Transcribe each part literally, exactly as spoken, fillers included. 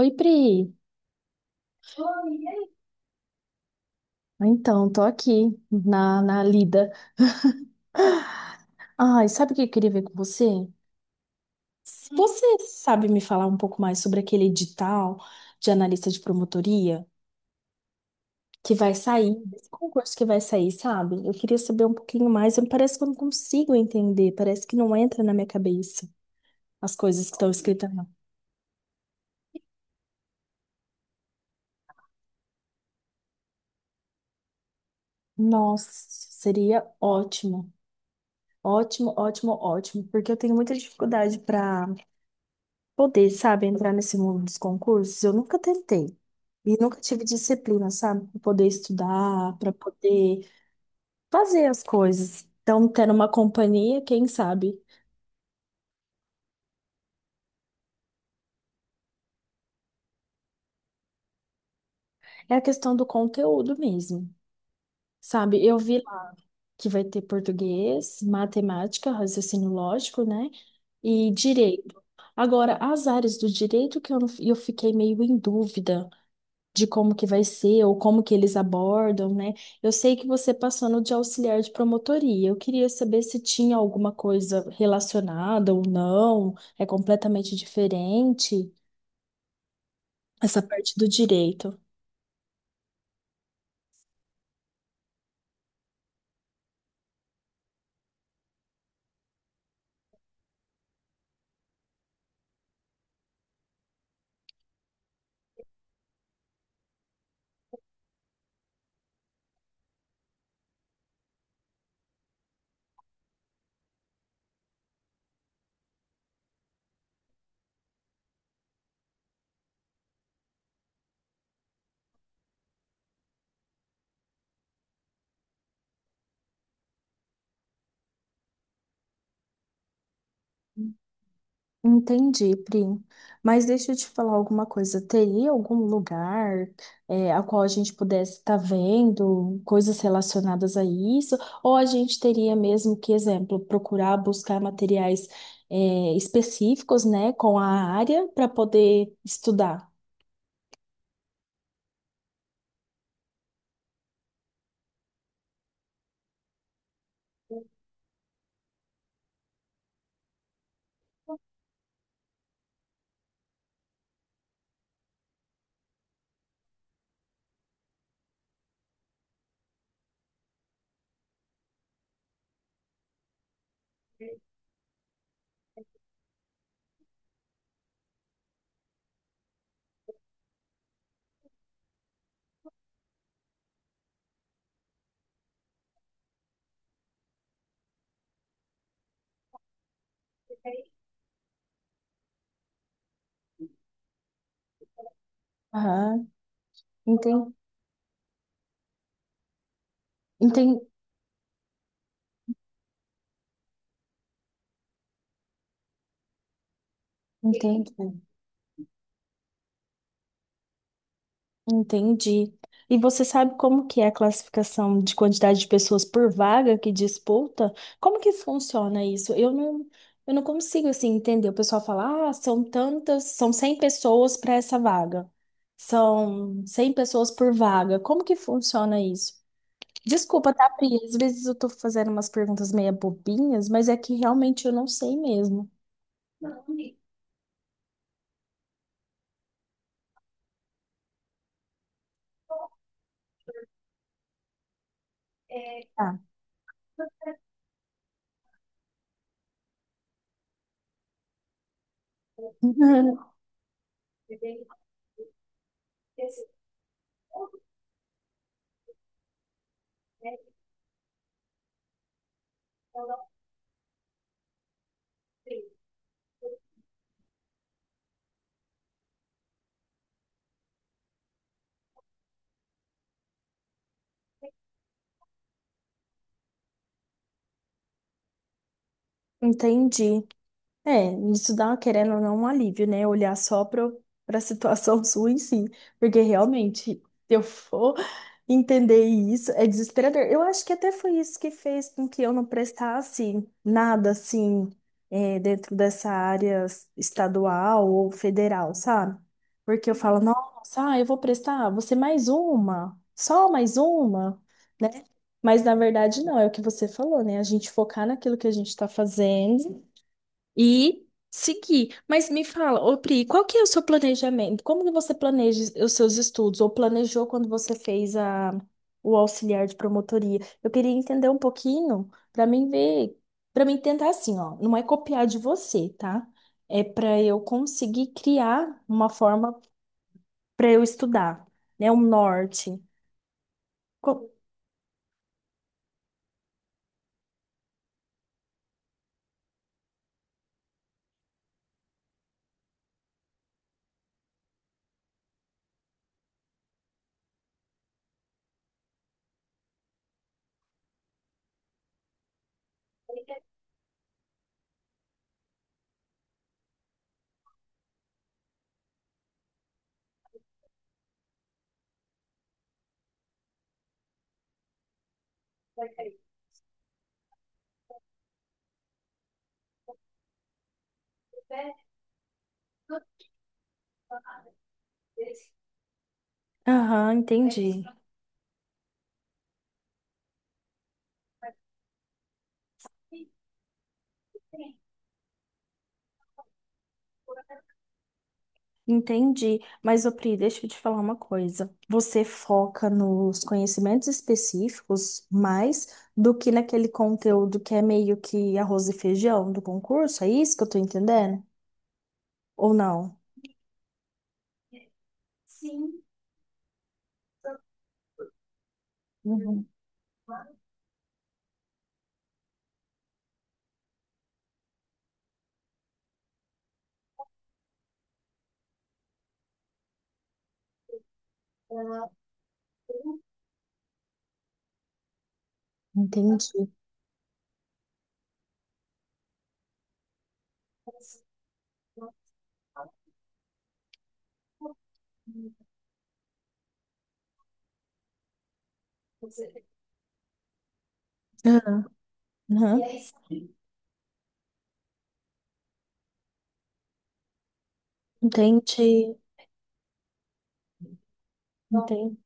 Oi, Pri. Oi. Então, tô aqui na, na lida. Ai, sabe o que eu queria ver com você? Se você sabe me falar um pouco mais sobre aquele edital de analista de promotoria que vai sair, esse concurso que vai sair, sabe? Eu queria saber um pouquinho mais, eu- parece que eu não consigo entender, parece que não entra na minha cabeça as coisas que estão escritas lá. Nossa, seria ótimo. Ótimo, ótimo, ótimo, porque eu tenho muita dificuldade para poder, sabe, entrar nesse mundo dos concursos, eu nunca tentei. E nunca tive disciplina, sabe, para poder estudar, para poder fazer as coisas. Então, tendo uma companhia, quem sabe? É a questão do conteúdo mesmo, sabe? Eu vi lá que vai ter português, matemática, raciocínio lógico, né? E direito. Agora, as áreas do direito que eu, não- eu fiquei meio em dúvida de como que vai ser ou como que eles abordam, né? Eu sei que você passou no de auxiliar de promotoria. Eu queria saber se tinha alguma coisa relacionada ou não. É completamente diferente essa parte do direito. Entendi, Pri. Mas deixa eu te falar alguma coisa. Teria algum lugar, eh, a qual a gente pudesse estar vendo coisas relacionadas a isso? Ou a gente teria mesmo que, exemplo, procurar buscar materiais, eh, específicos, né, com a área para poder estudar? Aham, enten- enten- entendo. Entendi. E você sabe como que é a classificação de quantidade de pessoas por vaga que disputa? Como que funciona isso? Eu não, eu não consigo assim entender. O pessoal fala, ah, são tantas, são cem pessoas para essa vaga. São cem pessoas por vaga. Como que funciona isso? Desculpa, tá, Pri? Às vezes eu tô fazendo umas perguntas meio bobinhas, mas é que realmente eu não sei mesmo. Tá. Entendi. É, isso dá, querendo ou não, um alívio, né? Olhar só para a situação sua em si. Porque realmente, se eu for entender isso, é desesperador. Eu acho que até foi isso que fez com que eu não prestasse nada assim, é, dentro dessa área estadual ou federal, sabe? Porque eu falo, nossa, ah, eu vou prestar, vou ser mais uma, só mais uma, né? Mas na verdade, não, é o que você falou, né? A gente focar naquilo que a gente está fazendo e seguir. Mas me fala, ô Pri, qual que é o seu planejamento? Como que você planeja os seus estudos? Ou planejou quando você fez a, o auxiliar de promotoria? Eu queria entender um pouquinho para mim ver, para mim tentar assim, ó, não é copiar de você, tá? É para eu conseguir criar uma forma para eu estudar, né? Um norte. Co- Aham, entendi. Entendi. Mas, ô Pri, deixa eu te falar uma coisa. Você foca nos conhecimentos específicos mais do que naquele conteúdo que é meio que arroz e feijão do concurso? É isso que eu tô entendendo? Ou não? Sim. Uhum. Entendi. Uhum. Entendi. Entendi.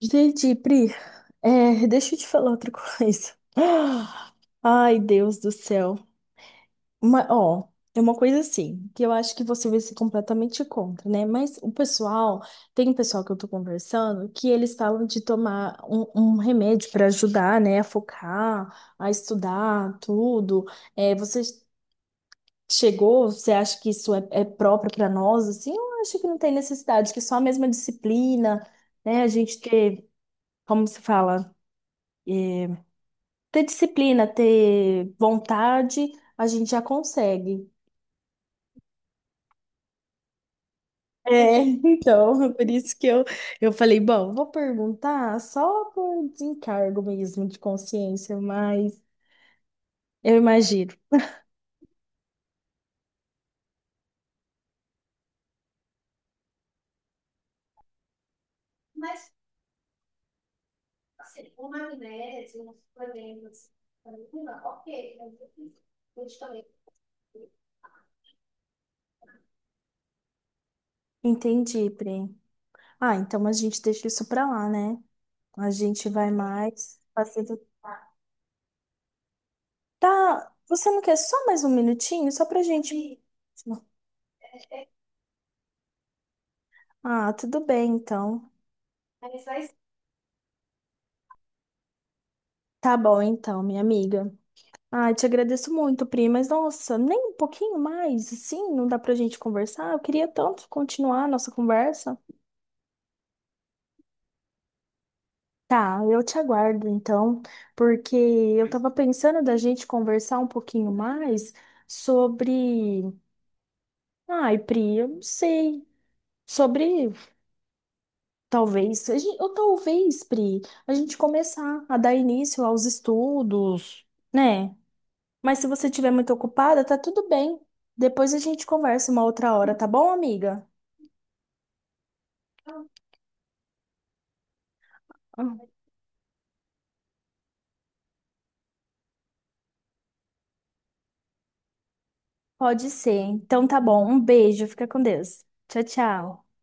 Entendi, Pri. É, deixa eu te falar outra coisa. Ai, Deus do céu. Uma, ó, é uma coisa assim, que eu acho que você vai ser completamente contra, né? Mas o pessoal, tem um pessoal que eu tô conversando, que eles falam de tomar um, um remédio para ajudar, né, a focar, a estudar, tudo. É, você chegou, você acha que isso é, é próprio para nós, assim? Eu acho que não tem necessidade, que é só a mesma disciplina, né? A gente ter, como se fala, ter disciplina, ter vontade, a gente já consegue. É, então, por isso que eu, eu falei, bom, vou perguntar só por desencargo mesmo de consciência, mas eu imagino. Entendi, Pri. Ah, então a gente deixa isso pra lá, né? A gente vai mais fazendo. Tá, você não quer só mais um minutinho? Só pra gente. Ah, tudo bem, então. Tá bom, então, minha amiga. Ah, te agradeço muito, Pri, mas nossa, nem um pouquinho mais, assim, não dá pra gente conversar? Eu queria tanto continuar a nossa conversa. Tá, eu te aguardo então, porque eu tava pensando da gente conversar um pouquinho mais sobre. Ai, Pri, eu não sei. Sobre. Talvez. a gen- Ou talvez, Pri, a gente começar a dar início aos estudos, né? Mas se você estiver muito ocupada, tá tudo bem. Depois a gente conversa uma outra hora, tá bom, amiga? Ah, pode ser. Então tá bom. Um beijo, fica com Deus. Tchau, tchau.